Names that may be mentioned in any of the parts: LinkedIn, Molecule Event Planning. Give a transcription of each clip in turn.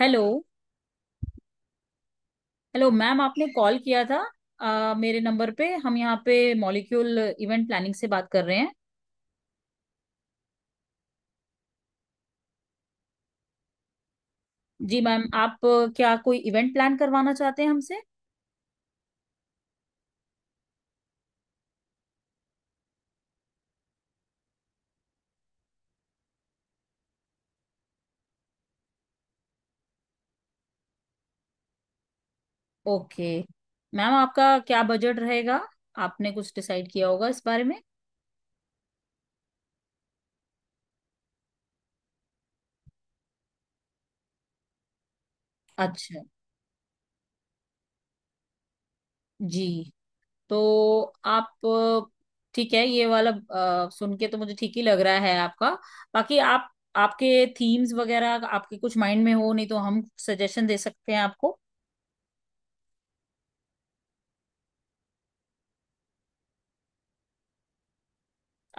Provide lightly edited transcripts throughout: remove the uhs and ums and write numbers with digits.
Hello. Hello ma'am, आपने call किया था। मेरे नंबर पे हम यहाँ पे मॉलिक्यूल इवेंट प्लानिंग से बात कर रहे हैं। जी मैम, आप क्या कोई इवेंट प्लान करवाना चाहते हैं हमसे? ओके। मैम, आपका क्या बजट रहेगा? आपने कुछ डिसाइड किया होगा इस बारे में? अच्छा जी। तो आप अ, ठीक है, ये वाला सुन के तो मुझे ठीक ही लग रहा है आपका। बाकी आप आपके थीम्स वगैरह आपके कुछ माइंड में हो, नहीं तो हम सजेशन दे सकते हैं आपको।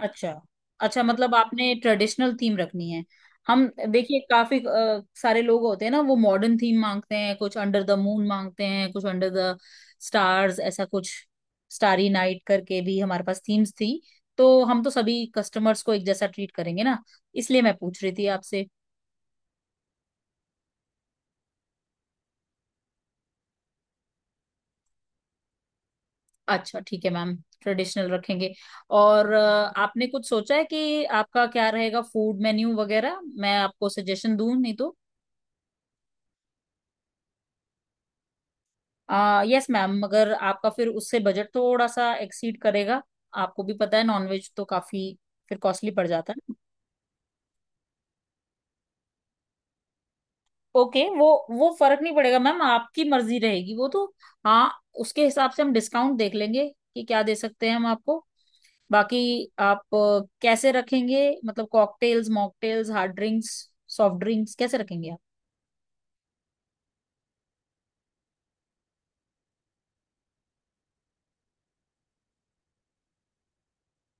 अच्छा, अच्छा मतलब आपने ट्रेडिशनल थीम रखनी है। हम देखिए काफी सारे लोग होते हैं ना, वो मॉडर्न थीम मांगते हैं, कुछ अंडर द मून मांगते हैं, कुछ अंडर द स्टार्स, ऐसा कुछ। स्टारी नाइट करके भी हमारे पास थीम्स थी। तो हम तो सभी कस्टमर्स को एक जैसा ट्रीट करेंगे ना, इसलिए मैं पूछ रही थी आपसे। अच्छा ठीक है मैम, ट्रेडिशनल रखेंगे। और आपने कुछ सोचा है कि आपका क्या रहेगा फूड मेन्यू वगैरह, मैं आपको सजेशन दूं नहीं तो? यस मैम, मगर आपका फिर उससे बजट थोड़ा सा एक्सीड करेगा। आपको भी पता है नॉनवेज तो काफी फिर कॉस्टली पड़ जाता है। ओके, वो फर्क नहीं पड़ेगा मैम, आपकी मर्जी रहेगी वो तो। हाँ, उसके हिसाब से हम डिस्काउंट देख लेंगे कि क्या दे सकते हैं हम आपको। बाकी आप कैसे रखेंगे, मतलब cocktails, mocktails, hard drinks, soft drinks कैसे रखेंगे?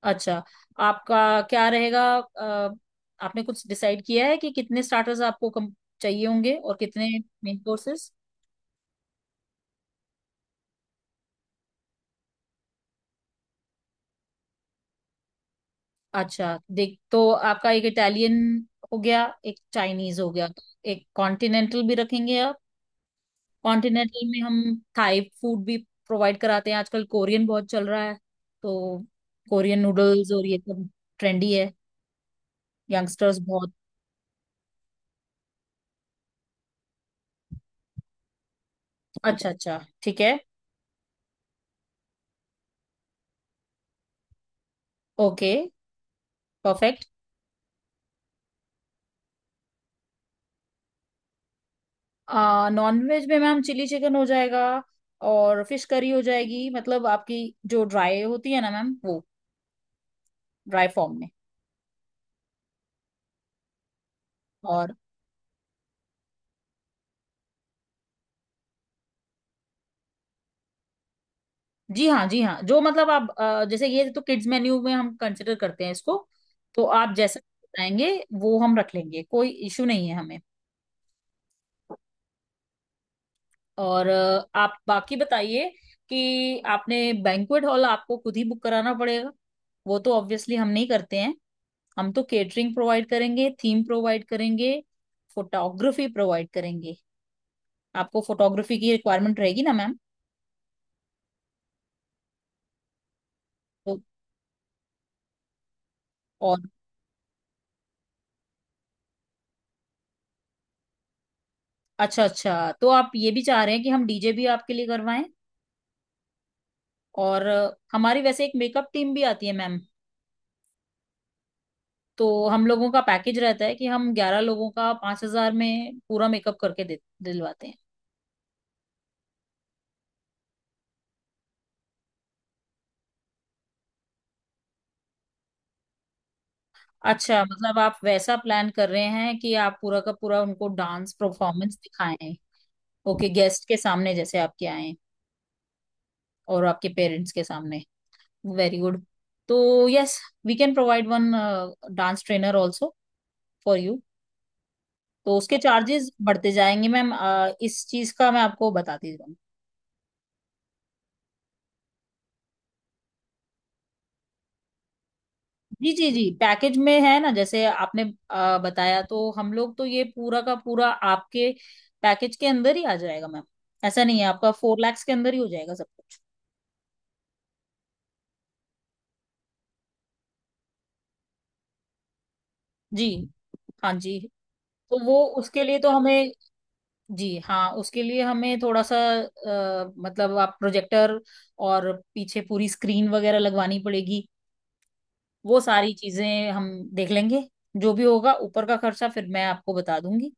अच्छा, आपका क्या रहेगा आपने कुछ डिसाइड किया है कि कितने स्टार्टर्स आपको कम चाहिए होंगे और कितने मेन कोर्सेस? अच्छा, देख तो आपका एक इटालियन हो गया, एक चाइनीज हो गया, एक कॉन्टिनेंटल भी रखेंगे आप? कॉन्टिनेंटल में हम थाई फूड भी प्रोवाइड कराते हैं। आजकल कोरियन बहुत चल रहा है, तो कोरियन नूडल्स और ये सब ट्रेंडी है, यंगस्टर्स बहुत। अच्छा अच्छा ठीक है। Okay perfect. नॉन वेज में मैम चिली चिकन हो जाएगा और फिश करी हो जाएगी, मतलब आपकी जो ड्राई होती है ना मैम, वो ड्राई फॉर्म में। और जी हाँ जी हाँ, जो मतलब आप जैसे ये तो किड्स मेन्यू में हम कंसिडर करते हैं इसको, तो आप जैसा बताएंगे वो हम रख लेंगे, कोई इशू नहीं है हमें। और आप बाकी बताइए कि आपने बैंक्वेट हॉल आपको खुद ही बुक कराना पड़ेगा, वो तो ऑब्वियसली हम नहीं करते हैं। हम तो केटरिंग प्रोवाइड करेंगे, थीम प्रोवाइड करेंगे, फोटोग्राफी प्रोवाइड करेंगे। आपको फोटोग्राफी की रिक्वायरमेंट रहेगी ना मैम? तो और अच्छा अच्छा, तो आप ये भी चाह रहे हैं कि हम डीजे भी आपके लिए करवाएं। और हमारी वैसे एक मेकअप टीम भी आती है मैम, तो हम लोगों का पैकेज रहता है कि हम 11 लोगों का 5,000 में पूरा मेकअप करके दे दिलवाते हैं। अच्छा, मतलब आप वैसा प्लान कर रहे हैं कि आप पूरा का पूरा उनको डांस परफॉर्मेंस दिखाएं? ओके, गेस्ट के सामने जैसे आपके आए, और आपके पेरेंट्स के सामने। Very good. तो yes, we can provide one dance trainer also for you. तो उसके चार्जेस बढ़ते जाएंगे मैम, इस चीज का मैं आपको बताती हूँ। जी जी जी, पैकेज में है ना, जैसे आपने बताया, तो हम लोग तो ये पूरा का पूरा आपके पैकेज के अंदर ही आ जाएगा मैम। ऐसा नहीं है, आपका 4 लाख के अंदर ही हो जाएगा सब कुछ। जी हाँ जी। तो वो उसके लिए तो हमें, जी हाँ उसके लिए हमें थोड़ा सा मतलब आप प्रोजेक्टर और पीछे पूरी स्क्रीन वगैरह लगवानी पड़ेगी। वो सारी चीजें हम देख लेंगे। जो भी होगा ऊपर का खर्चा फिर मैं आपको बता दूंगी।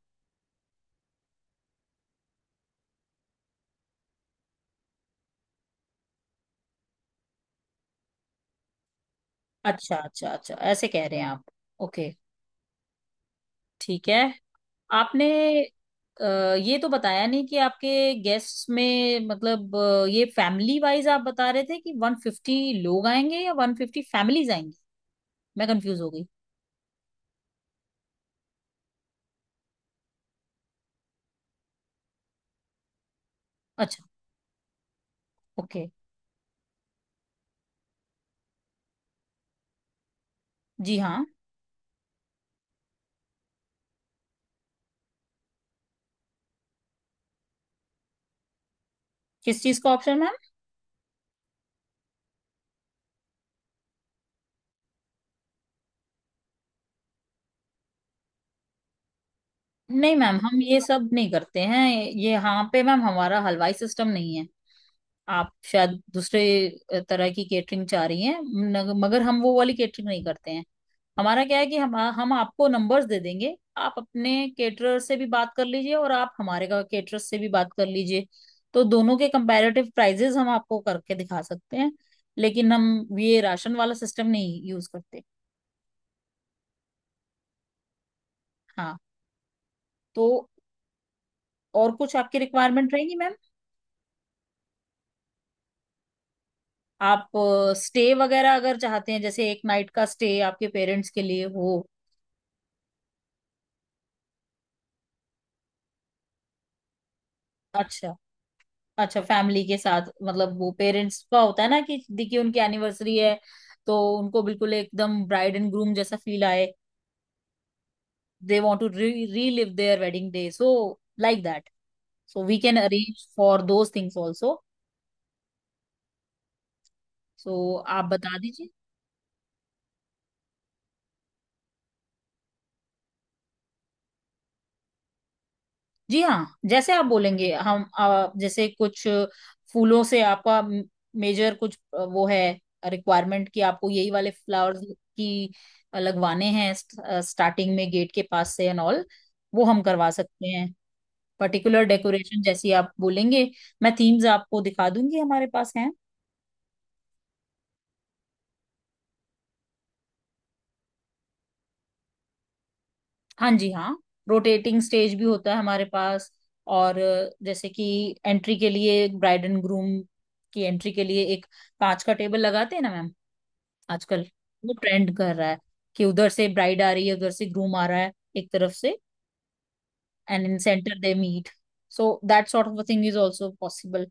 अच्छा अच्छा अच्छा, ऐसे कह रहे हैं आप। ओके ठीक है। आपने अ, ये तो बताया नहीं कि आपके गेस्ट में मतलब ये फैमिली वाइज आप बता रहे थे कि 150 लोग आएंगे या 150 फैमिलीज आएंगी, मैं कंफ्यूज हो गई। अच्छा ओके। जी हाँ। किस चीज का ऑप्शन मैम? नहीं मैम, हम ये सब नहीं करते हैं। ये यहाँ पे मैम हमारा हलवाई सिस्टम नहीं है। आप शायद दूसरे तरह की केटरिंग चाह रही हैं, मगर हम वो वाली केटरिंग नहीं करते हैं। हमारा क्या है कि हम आपको नंबर्स दे देंगे, आप अपने केटरर से भी बात कर लीजिए और आप हमारे का केटरर से भी बात कर लीजिए, तो दोनों के कंपैरेटिव प्राइजेस हम आपको करके दिखा सकते हैं। लेकिन हम ये राशन वाला सिस्टम नहीं यूज करते। हाँ। तो और कुछ आपकी रिक्वायरमेंट रहेगी मैम? आप स्टे वगैरह अगर चाहते हैं, जैसे एक नाइट का स्टे आपके पेरेंट्स के लिए हो। अच्छा, अच्छा फैमिली के साथ मतलब वो पेरेंट्स का होता है ना कि देखिए उनकी एनिवर्सरी है, तो उनको बिल्कुल एकदम ब्राइड एंड ग्रूम जैसा फील आए। They want to relive their wedding day, so like that, so we can arrange for those things also. So आप बता दीजिए। जी हाँ, जैसे आप बोलेंगे हम, जैसे कुछ फूलों से आपका मेजर कुछ वो है रिक्वायरमेंट कि आपको यही वाले फ्लावर्स की लगवाने हैं, स्टार्टिंग में गेट के पास से एंड ऑल, वो हम करवा सकते हैं। पर्टिकुलर डेकोरेशन जैसी आप बोलेंगे। मैं थीम्स आपको दिखा दूंगी हमारे पास हैं। हाँ जी हाँ, रोटेटिंग स्टेज भी होता है हमारे पास। और जैसे कि एंट्री के लिए ब्राइड एंड ग्रूम की एंट्री के लिए एक कांच का टेबल लगाते हैं ना मैम आजकल, वो ट्रेंड कर रहा है कि उधर से ब्राइड आ रही है, उधर से ग्रूम आ रहा है एक तरफ से, and in centre they meet. So that sort of thing is also possible.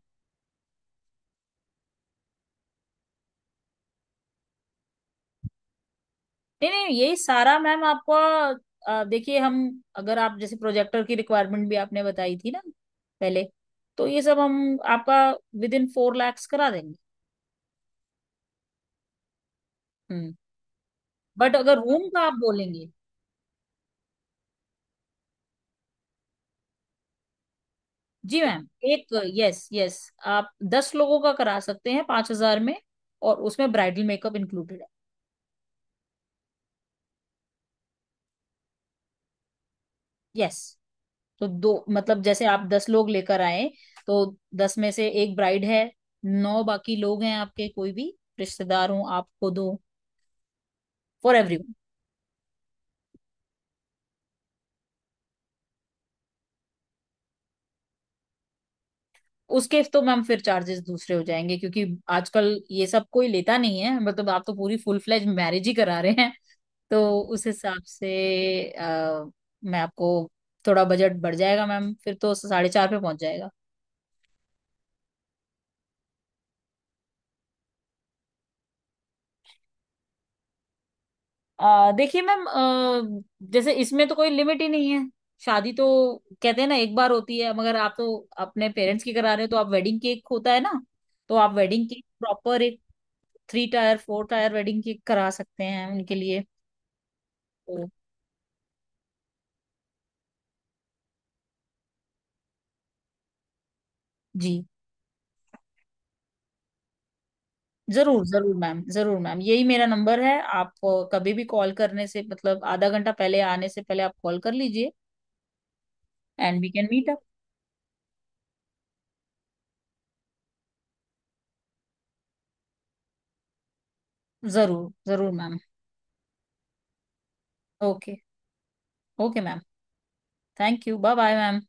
नहीं नहीं, ये सारा मैम आपको देखिए हम, अगर आप जैसे प्रोजेक्टर की रिक्वायरमेंट भी आपने बताई थी ना पहले, तो ये सब हम आपका विद इन 4 लाख करा देंगे। हम्म। बट अगर रूम का आप बोलेंगे। जी मैम, एक, यस यस, आप 10 लोगों का करा सकते हैं 5,000 में, और उसमें ब्राइडल मेकअप इंक्लूडेड है। यस, तो दो मतलब जैसे आप 10 लोग लेकर आए, तो 10 में से एक ब्राइड है, नौ बाकी लोग हैं आपके, कोई भी रिश्तेदार हो आपको, दो फॉर एवरीवन। उसके तो मैम फिर चार्जेस दूसरे हो जाएंगे, क्योंकि आजकल ये सब कोई लेता नहीं है, मतलब आप तो पूरी फुल फ्लेज मैरिज ही करा रहे हैं, तो उस हिसाब से अ, मैं आपको, थोड़ा बजट बढ़ जाएगा मैम, फिर तो 4.5 पे पहुंच जाएगा। देखिए मैम, जैसे इसमें तो कोई लिमिट ही नहीं है, शादी तो कहते हैं ना एक बार होती है, मगर आप तो अपने पेरेंट्स की करा रहे हो, तो आप वेडिंग केक होता है ना, तो आप वेडिंग केक प्रॉपर एक 3 टायर 4 टायर वेडिंग केक करा सकते हैं उनके लिए। तो जी जरूर जरूर मैम, जरूर मैम, यही मेरा नंबर है। आप कभी भी कॉल करने से मतलब आधा घंटा पहले आने से पहले आप कॉल कर लीजिए। And we can meet up. जरूर जरूर ma'am. Okay. Okay ma'am. Thank you. Bye bye ma'am.